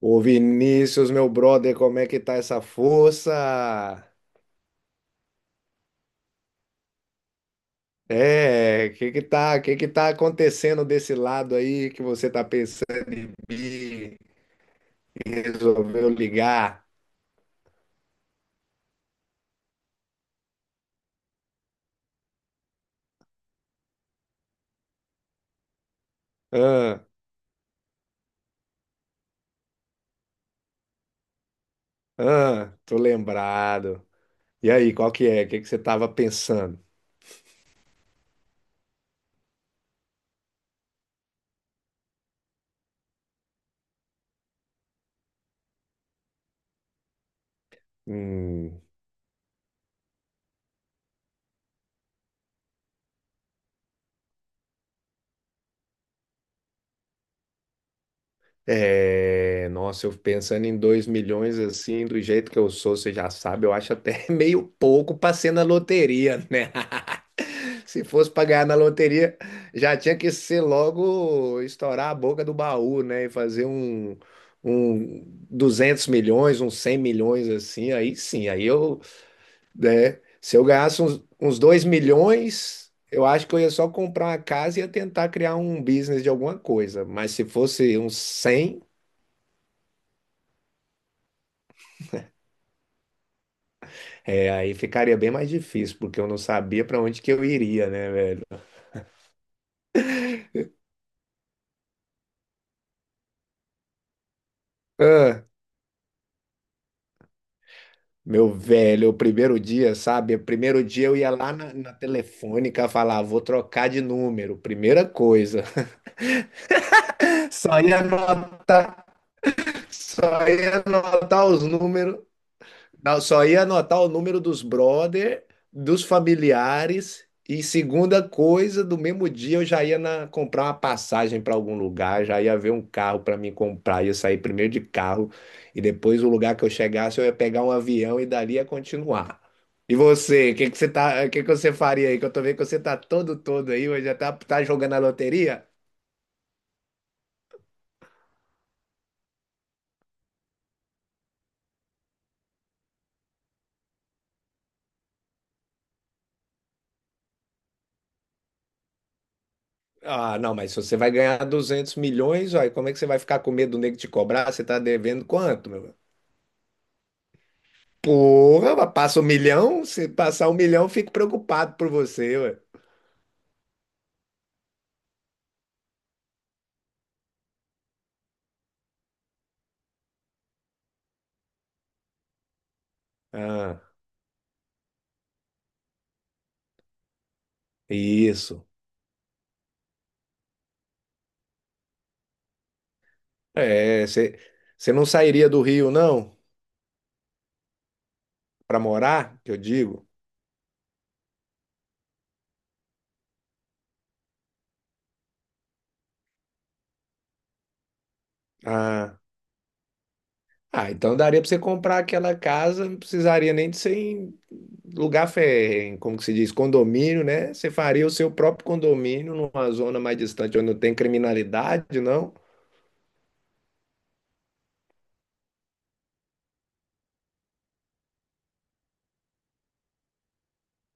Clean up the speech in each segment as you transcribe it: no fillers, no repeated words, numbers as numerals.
Ô Vinícius, meu brother, como é que tá essa força? É, que que tá acontecendo desse lado aí que você tá pensando em e resolveu ligar? Ah, ah, tô lembrado. E aí, qual que é? O que que você tava pensando? Hum. É, nossa, eu pensando em 2 milhões assim, do jeito que eu sou, você já sabe, eu acho até meio pouco pra ser na loteria, né? Se fosse pra ganhar na loteria, já tinha que ser logo estourar a boca do baú, né? E fazer um 200 milhões, uns 100 milhões assim, aí sim, aí eu, né? Se eu ganhasse uns 2 milhões, eu acho que eu ia só comprar uma casa e ia tentar criar um business de alguma coisa, mas se fosse uns 100. É, aí ficaria bem mais difícil, porque eu não sabia para onde que eu iria, né, velho? Ah, meu velho, o primeiro dia, sabe? O primeiro dia eu ia lá na telefônica falar, vou trocar de número, primeira coisa. Só ia anotar, só ia anotar os números. Não, só ia anotar o número dos brother, dos familiares, e segunda coisa, do mesmo dia eu já ia comprar uma passagem para algum lugar, já ia ver um carro para mim comprar, ia sair primeiro de carro e depois o lugar que eu chegasse eu ia pegar um avião e dali ia continuar. E você, o que que você faria aí? Que eu tô vendo que você tá todo todo aí, hoje já tá jogando a loteria? Ah, não, mas se você vai ganhar 200 milhões, aí como é que você vai ficar com medo do nego te cobrar? Você tá devendo quanto, meu? Porra, mas passa 1 milhão? Se passar 1 milhão, eu fico preocupado por você, ué. Ah, isso. É, você não sairia do Rio, não? Pra morar, que eu digo? Ah, ah, então daria pra você comprar aquela casa, não precisaria nem de ser em lugar, como que se diz, condomínio, né? Você faria o seu próprio condomínio numa zona mais distante, onde não tem criminalidade, não?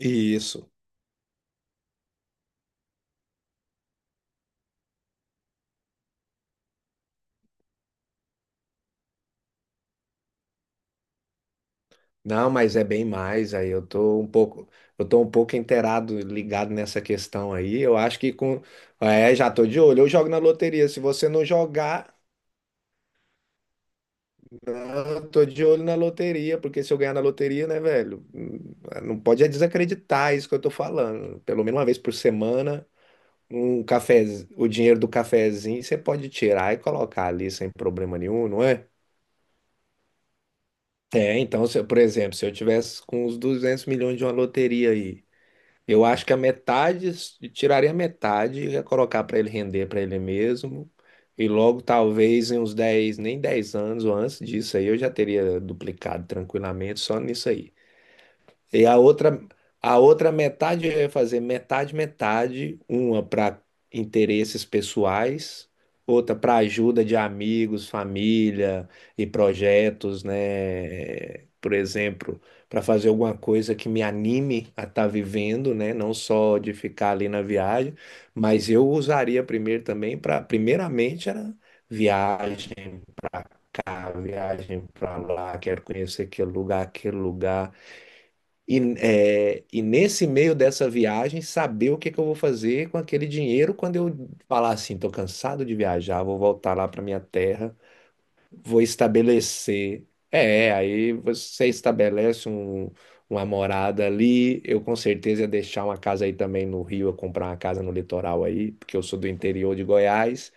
Isso. Não, mas é bem mais. Aí eu tô um pouco, eu tô um pouco inteirado, ligado nessa questão aí. Eu acho que com, é, já tô de olho. Eu jogo na loteria. Se você não jogar, não, eu tô de olho na loteria, porque se eu ganhar na loteria, né, velho, não pode é desacreditar isso que eu tô falando. Pelo menos uma vez por semana, um café, o dinheiro do cafezinho você pode tirar e colocar ali sem problema nenhum, não é? É, então, se eu- por exemplo, se eu tivesse com uns 200 milhões de uma loteria aí. Eu acho que a metade, tiraria a metade e ia colocar para ele render para ele mesmo. E logo, talvez, em uns 10 nem 10 anos ou antes disso aí, eu já teria duplicado tranquilamente só nisso aí. E a outra, metade eu ia fazer metade, metade, uma para interesses pessoais, outra para ajuda de amigos, família e projetos, né? Por exemplo, para fazer alguma coisa que me anime a estar vivendo, né? Não só de ficar ali na viagem, mas eu usaria primeiro também para, primeiramente era viagem, cara, viagem para lá, quero conhecer aquele lugar, aquele lugar. E, é, e nesse meio dessa viagem, saber o que que eu vou fazer com aquele dinheiro quando eu falar assim, tô cansado de viajar, vou voltar lá para minha terra, vou estabelecer. É, aí você estabelece um, uma morada ali. Eu com certeza ia deixar uma casa aí também no Rio, eu comprar uma casa no litoral aí, porque eu sou do interior de Goiás.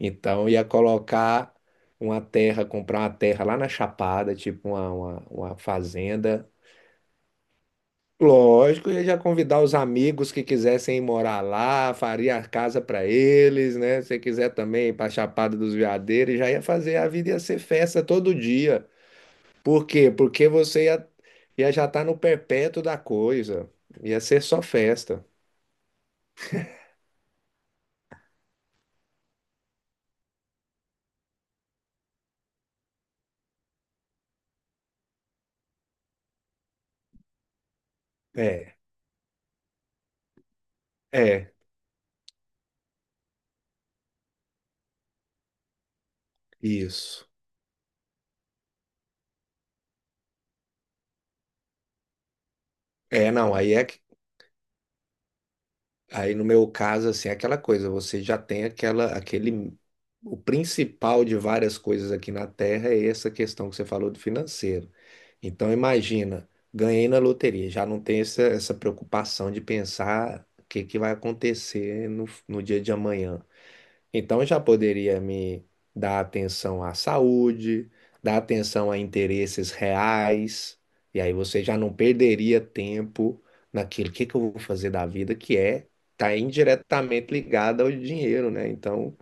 Então ia colocar uma terra, comprar uma terra lá na Chapada, tipo uma fazenda. Lógico, ia já convidar os amigos que quisessem ir morar lá, faria a casa para eles, né? Se quiser também ir para Chapada dos Veadeiros, já ia fazer a vida, ia ser festa todo dia. Por quê? Porque você ia já estar no perpétuo da coisa. Ia ser só festa. É, é, isso. É, não, aí é. Aí no meu caso, assim, é aquela coisa, você já tem aquela, aquele, o principal de várias coisas aqui na Terra é essa questão que você falou do financeiro. Então imagina, ganhei na loteria, já não tem essa preocupação de pensar o que que vai acontecer no dia de amanhã. Então já poderia me dar atenção à saúde, dar atenção a interesses reais, e aí você já não perderia tempo naquilo que eu vou fazer da vida, que é tá indiretamente ligado ao dinheiro, né? Então,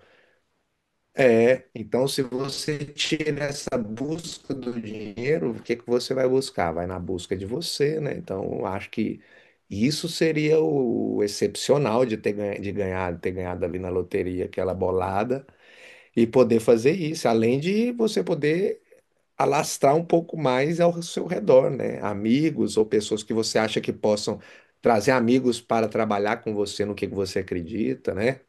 é, então se você tira essa busca do dinheiro, o que que você vai buscar? Vai na busca de você, né? Então, eu acho que isso seria o excepcional de ter ganhado ali na loteria aquela bolada. E poder fazer isso, além de você poder alastrar um pouco mais ao seu redor, né? Amigos ou pessoas que você acha que possam trazer amigos para trabalhar com você no que você acredita, né?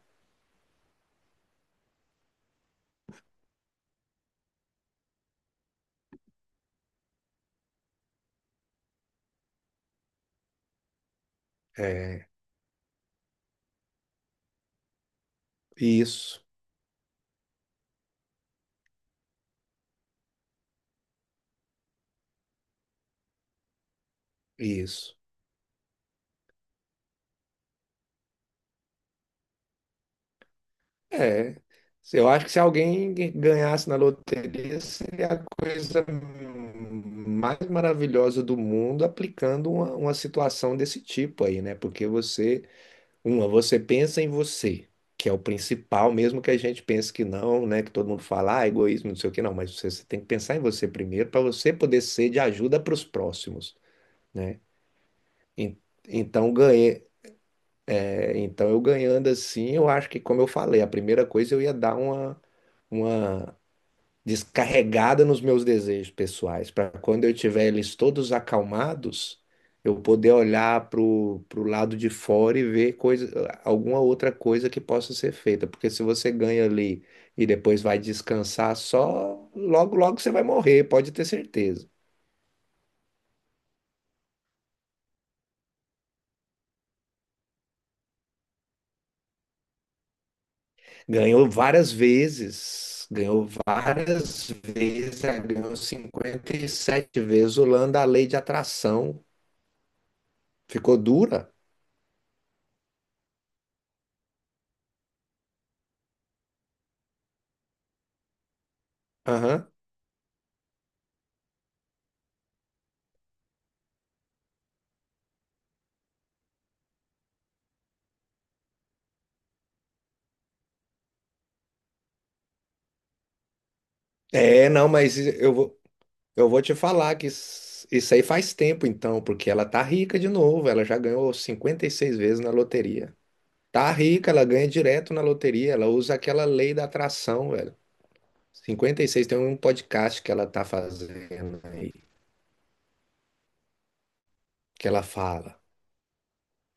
É, isso, isso. É. Eu acho que se alguém ganhasse na loteria, seria a coisa mais maravilhosa do mundo aplicando uma situação desse tipo aí, né? Porque você Uma, você pensa em você, que é o principal, mesmo que a gente pense que não, né? Que todo mundo fala, ah, egoísmo, não sei o que, não. Mas você, você tem que pensar em você primeiro para você poder ser de ajuda para os próximos, né? En- Então, ganhei, é, então eu ganhando assim, eu acho que, como eu falei, a primeira coisa eu ia dar uma descarregada nos meus desejos pessoais, para quando eu tiver eles todos acalmados, eu poder olhar para o lado de fora e ver coisa, alguma outra coisa que possa ser feita. Porque se você ganha ali e depois vai descansar só, logo, logo você vai morrer, pode ter certeza. Ganhou várias vezes. Ganhou várias vezes, ela ganhou 57 vezes, usando a lei de atração. Ficou dura? Aham. É, não, mas eu vou te falar que isso aí faz tempo então, porque ela tá rica de novo, ela já ganhou 56 vezes na loteria. Tá rica, ela ganha direto na loteria, ela usa aquela lei da atração, velho. 56. Tem um podcast que ela tá fazendo aí, que ela fala.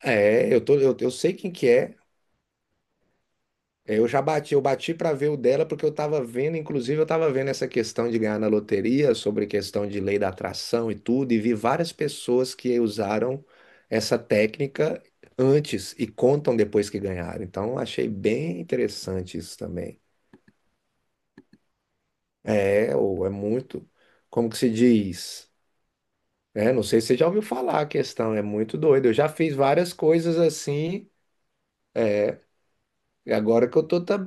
É, eu sei quem que é. É, Eu bati para ver o dela porque eu estava vendo, inclusive eu estava vendo essa questão de ganhar na loteria, sobre questão de lei da atração e tudo, e vi várias pessoas que usaram essa técnica antes e contam depois que ganharam. Então achei bem interessante isso também. É, ou é muito, como que se diz? É, não sei se você já ouviu falar a questão, é muito doido. Eu já fiz várias coisas assim, e agora que eu tô tá.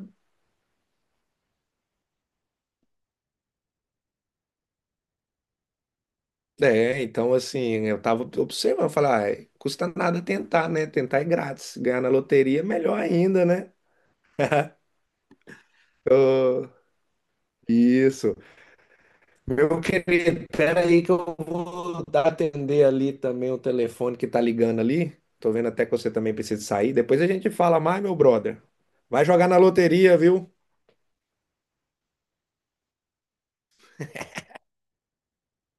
É, então assim, eu tava observando, falar, ah, custa nada tentar, né? Tentar é grátis. Ganhar na loteria é melhor ainda, né? Isso. Meu querido, pera aí que eu vou atender ali também o telefone que tá ligando ali. Tô vendo até que você também precisa sair. Depois a gente fala mais, meu brother. Vai jogar na loteria, viu?